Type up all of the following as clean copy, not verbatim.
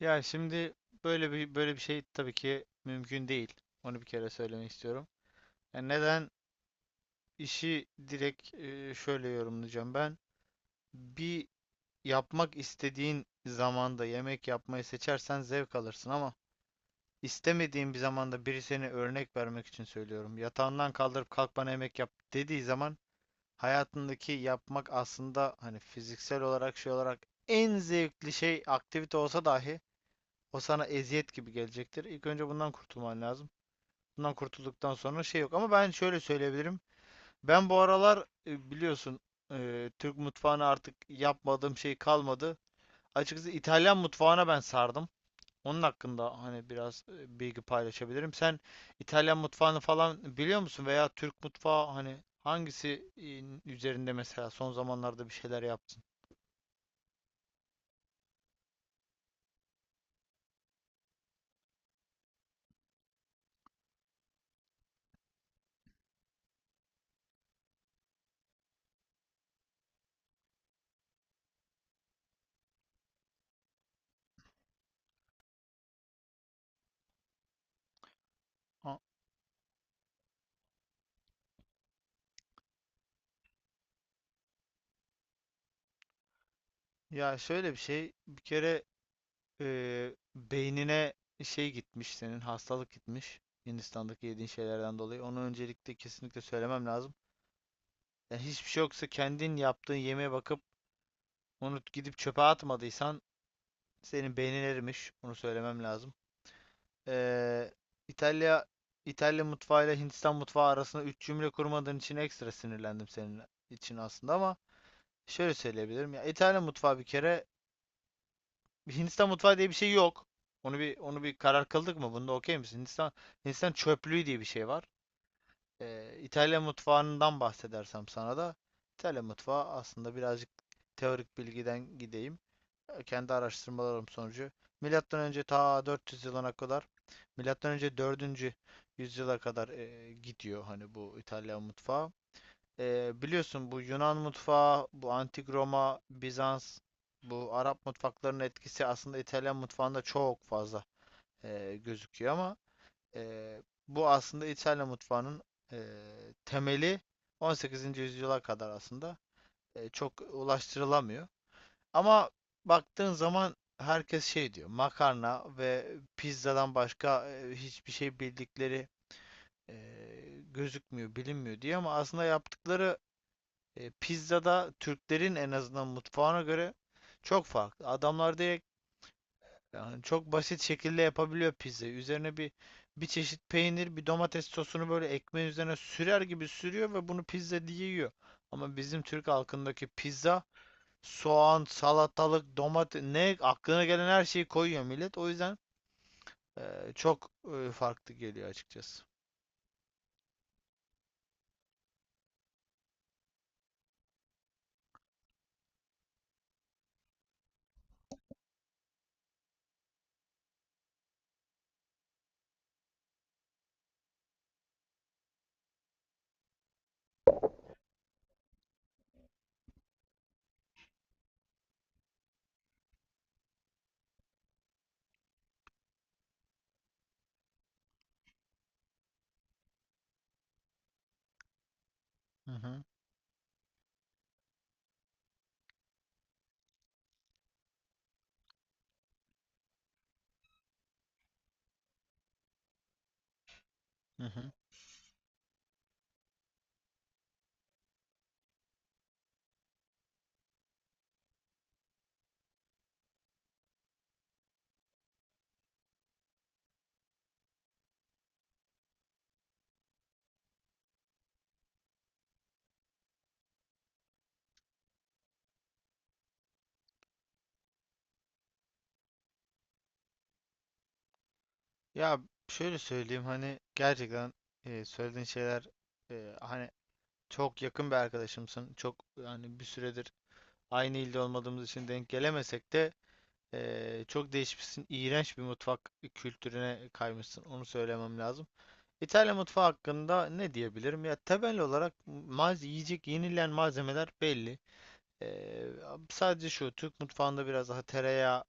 Ya şimdi böyle bir şey tabii ki mümkün değil. Onu bir kere söylemek istiyorum. Yani neden işi direkt şöyle yorumlayacağım ben. Bir yapmak istediğin zamanda yemek yapmayı seçersen zevk alırsın ama istemediğin bir zamanda biri, seni örnek vermek için söylüyorum, yatağından kaldırıp kalk bana yemek yap dediği zaman, hayatındaki yapmak aslında hani fiziksel olarak şey olarak en zevkli şey, aktivite olsa dahi o sana eziyet gibi gelecektir. İlk önce bundan kurtulman lazım. Bundan kurtulduktan sonra şey yok. Ama ben şöyle söyleyebilirim. Ben bu aralar biliyorsun, Türk mutfağına artık yapmadığım şey kalmadı. Açıkçası İtalyan mutfağına ben sardım. Onun hakkında hani biraz bilgi paylaşabilirim. Sen İtalyan mutfağını falan biliyor musun? Veya Türk mutfağı, hani hangisi üzerinde mesela son zamanlarda bir şeyler yaptın? Ha. Ya şöyle bir şey. Bir kere beynine şey gitmiş senin, hastalık gitmiş Hindistan'daki yediğin şeylerden dolayı. Onu öncelikle kesinlikle söylemem lazım. Yani hiçbir şey yoksa kendin yaptığın yemeğe bakıp onu gidip çöpe atmadıysan, senin beynin erimiş. Onu söylemem lazım. Ee, İtalya İtalya mutfağıyla Hindistan mutfağı arasında üç cümle kurmadığın için ekstra sinirlendim senin için aslında, ama şöyle söyleyebilirim. Ya İtalya mutfağı bir kere, bir Hindistan mutfağı diye bir şey yok. Onu bir karar kıldık mı? Bunda okey misin? Hindistan çöplüğü diye bir şey var. İtalya mutfağından bahsedersem sana da, İtalya mutfağı aslında birazcık teorik bilgiden gideyim. Kendi araştırmalarım sonucu milattan önce ta 400 yılına kadar, milattan önce 4. yüzyıla kadar gidiyor hani bu İtalyan mutfağı. Biliyorsun bu Yunan mutfağı, bu Antik Roma, Bizans, bu Arap mutfaklarının etkisi aslında İtalyan mutfağında çok fazla gözüküyor, ama e, bu aslında İtalyan mutfağının e, temeli 18. yüzyıla kadar aslında çok ulaştırılamıyor. Ama baktığın zaman herkes şey diyor, makarna ve pizzadan başka hiçbir şey bildikleri e, gözükmüyor, bilinmiyor diye, ama aslında yaptıkları pizzada Türklerin en azından mutfağına göre çok farklı. Adamlar direkt yani çok basit şekilde yapabiliyor pizzayı. Üzerine bir çeşit peynir, bir domates sosunu böyle ekmeğin üzerine sürer gibi sürüyor ve bunu pizza diye yiyor. Ama bizim Türk halkındaki pizza, soğan, salatalık, domates ne aklına gelen her şeyi koyuyor millet. O yüzden çok farklı geliyor açıkçası. Hı hı, hı hı. Ya şöyle söyleyeyim, hani gerçekten söylediğin şeyler, hani, çok yakın bir arkadaşımsın. Çok, yani bir süredir aynı ilde olmadığımız için denk gelemesek de çok değişmişsin. İğrenç bir mutfak kültürüne kaymışsın. Onu söylemem lazım. İtalya mutfağı hakkında ne diyebilirim? Ya temel olarak yiyecek, yenilen malzemeler belli. Ee, sadece şu, Türk mutfağında biraz daha tereyağı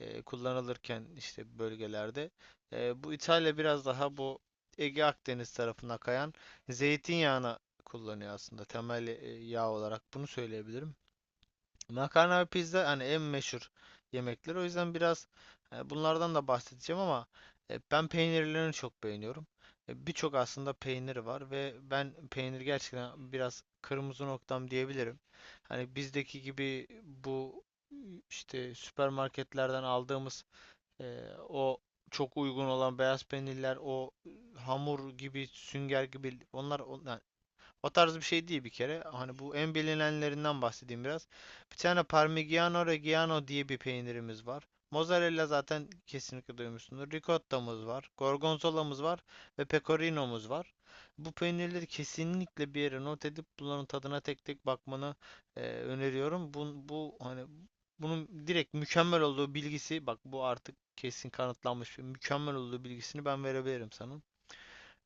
kullanılırken işte, bölgelerde, bu İtalya biraz daha bu Ege Akdeniz tarafına kayan zeytinyağını kullanıyor aslında, temel yağ olarak bunu söyleyebilirim. Makarna ve pizza hani en meşhur yemekler. O yüzden biraz bunlardan da bahsedeceğim, ama ben peynirlerini çok beğeniyorum. E, birçok aslında peynir var ve ben peynir gerçekten biraz kırmızı noktam diyebilirim. Hani bizdeki gibi bu, e, işte süpermarketlerden aldığımız e, o çok uygun olan beyaz peynirler, o hamur gibi, sünger gibi, o tarz bir şey değil bir kere. Hani bu en bilinenlerinden bahsedeyim biraz. Bir tane Parmigiano Reggiano diye bir peynirimiz var. Mozzarella zaten kesinlikle duymuşsunuz. Ricottamız var. Gorgonzola'mız var. Ve Pecorino'muz var. Bu peynirleri kesinlikle bir yere not edip bunların tadına tek tek bakmanı öneriyorum. Bu hani, bunun direkt mükemmel olduğu bilgisi, bak, bu artık kesin kanıtlanmış mükemmel olduğu bilgisini ben verebilirim sana.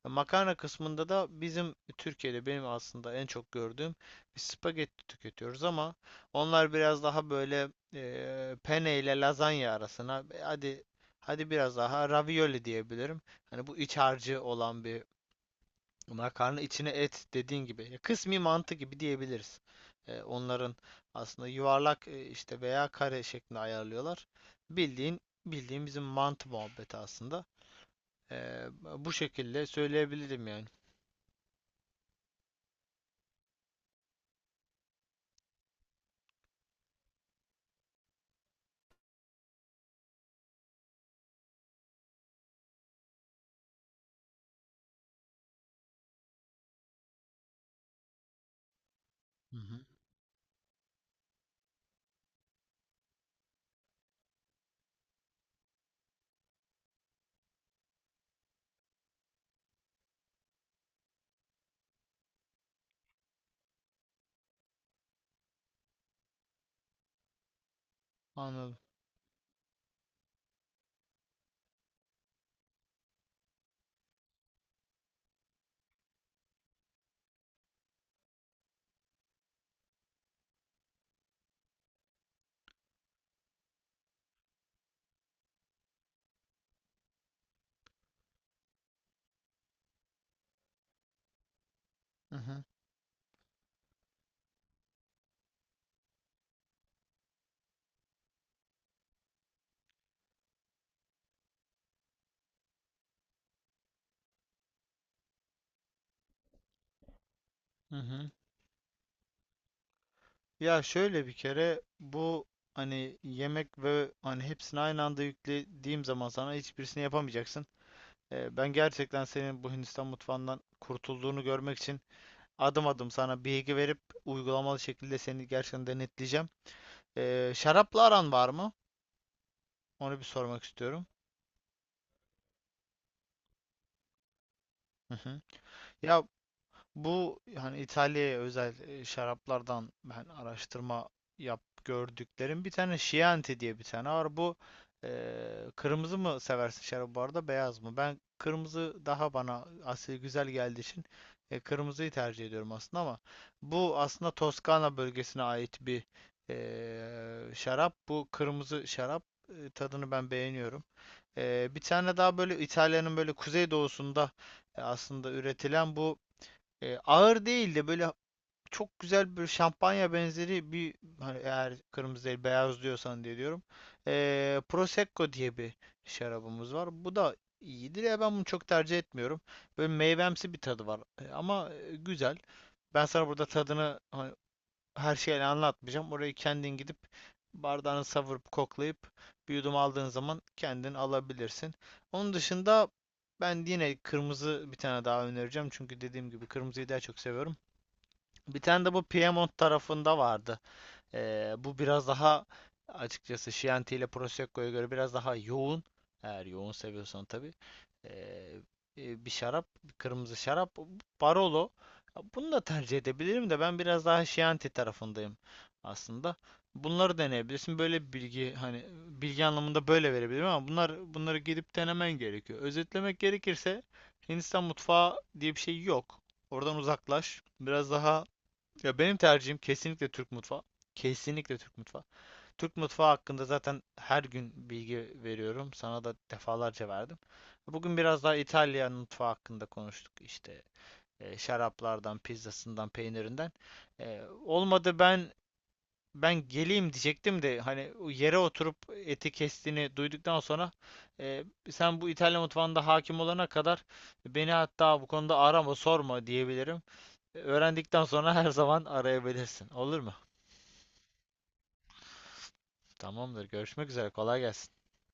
Makarna kısmında da bizim Türkiye'de benim aslında en çok gördüğüm bir spagetti tüketiyoruz, ama onlar biraz daha böyle penne ile lazanya arasına, hadi biraz daha ravioli diyebilirim. Hani bu iç harcı olan bir makarna, içine et dediğin gibi, kısmi mantı gibi diyebiliriz. E, onların aslında yuvarlak işte veya kare şeklinde ayarlıyorlar. Bildiğin bildiğin bizim mantı muhabbeti aslında. E, bu şekilde söyleyebilirim yani. Hı hı. Anladım. Hı hı. Hı hı. Ya şöyle, bir kere bu hani yemek ve hani hepsini aynı anda yüklediğim zaman sana, hiçbirisini yapamayacaksın. Ben gerçekten senin bu Hindistan mutfağından kurtulduğunu görmek için adım adım sana bilgi verip uygulamalı şekilde seni gerçekten denetleyeceğim. Şarapla aran var mı? Onu bir sormak istiyorum. Hı hı. Ya, bu hani İtalya'ya özel şaraplardan ben araştırma yap gördüklerim, bir tane Chianti diye bir tane var. Bu, e, kırmızı mı seversin şarabı bu arada, beyaz mı? Ben, kırmızı daha bana asil güzel geldiği için kırmızıyı tercih ediyorum aslında, ama bu aslında Toskana bölgesine ait bir şarap. Bu kırmızı şarap, tadını ben beğeniyorum. E, bir tane daha, böyle İtalya'nın böyle kuzeydoğusunda aslında üretilen bu, ağır değil de böyle çok güzel bir şampanya benzeri bir, hani eğer kırmızı değil beyaz diyorsan diye diyorum. E, Prosecco diye bir şarabımız var. Bu da iyidir, ya ben bunu çok tercih etmiyorum. Böyle meyvemsi bir tadı var, ama güzel. Ben sana burada tadını, her şeyini anlatmayacağım. Orayı kendin gidip bardağını savurup koklayıp bir yudum aldığın zaman kendin alabilirsin. Onun dışında ben yine kırmızı bir tane daha önereceğim. Çünkü dediğim gibi kırmızıyı daha çok seviyorum. Bir tane de bu Piemont tarafında vardı. Bu biraz daha, açıkçası Chianti ile Prosecco'ya göre biraz daha yoğun. Eğer yoğun seviyorsan tabii. Ee, bir şarap, bir kırmızı şarap, Barolo. Bunu da tercih edebilirim de, ben biraz daha Chianti tarafındayım aslında. Bunları deneyebilirsin. Böyle bir bilgi, hani bilgi anlamında böyle verebilirim ama, bunları gidip denemen gerekiyor. Özetlemek gerekirse, Hindistan mutfağı diye bir şey yok. Oradan uzaklaş. Biraz daha, ya benim tercihim kesinlikle Türk mutfağı. Kesinlikle Türk mutfağı. Türk mutfağı hakkında zaten her gün bilgi veriyorum. Sana da defalarca verdim. Bugün biraz daha İtalyan mutfağı hakkında konuştuk. İşte şaraplardan, pizzasından, peynirinden. E, olmadı, ben geleyim diyecektim de, hani o yere oturup eti kestiğini duyduktan sonra, e, sen bu İtalyan mutfağında hakim olana kadar beni, hatta bu konuda arama, sorma diyebilirim. Öğrendikten sonra her zaman arayabilirsin. Olur mu? Tamamdır. Görüşmek üzere. Kolay gelsin.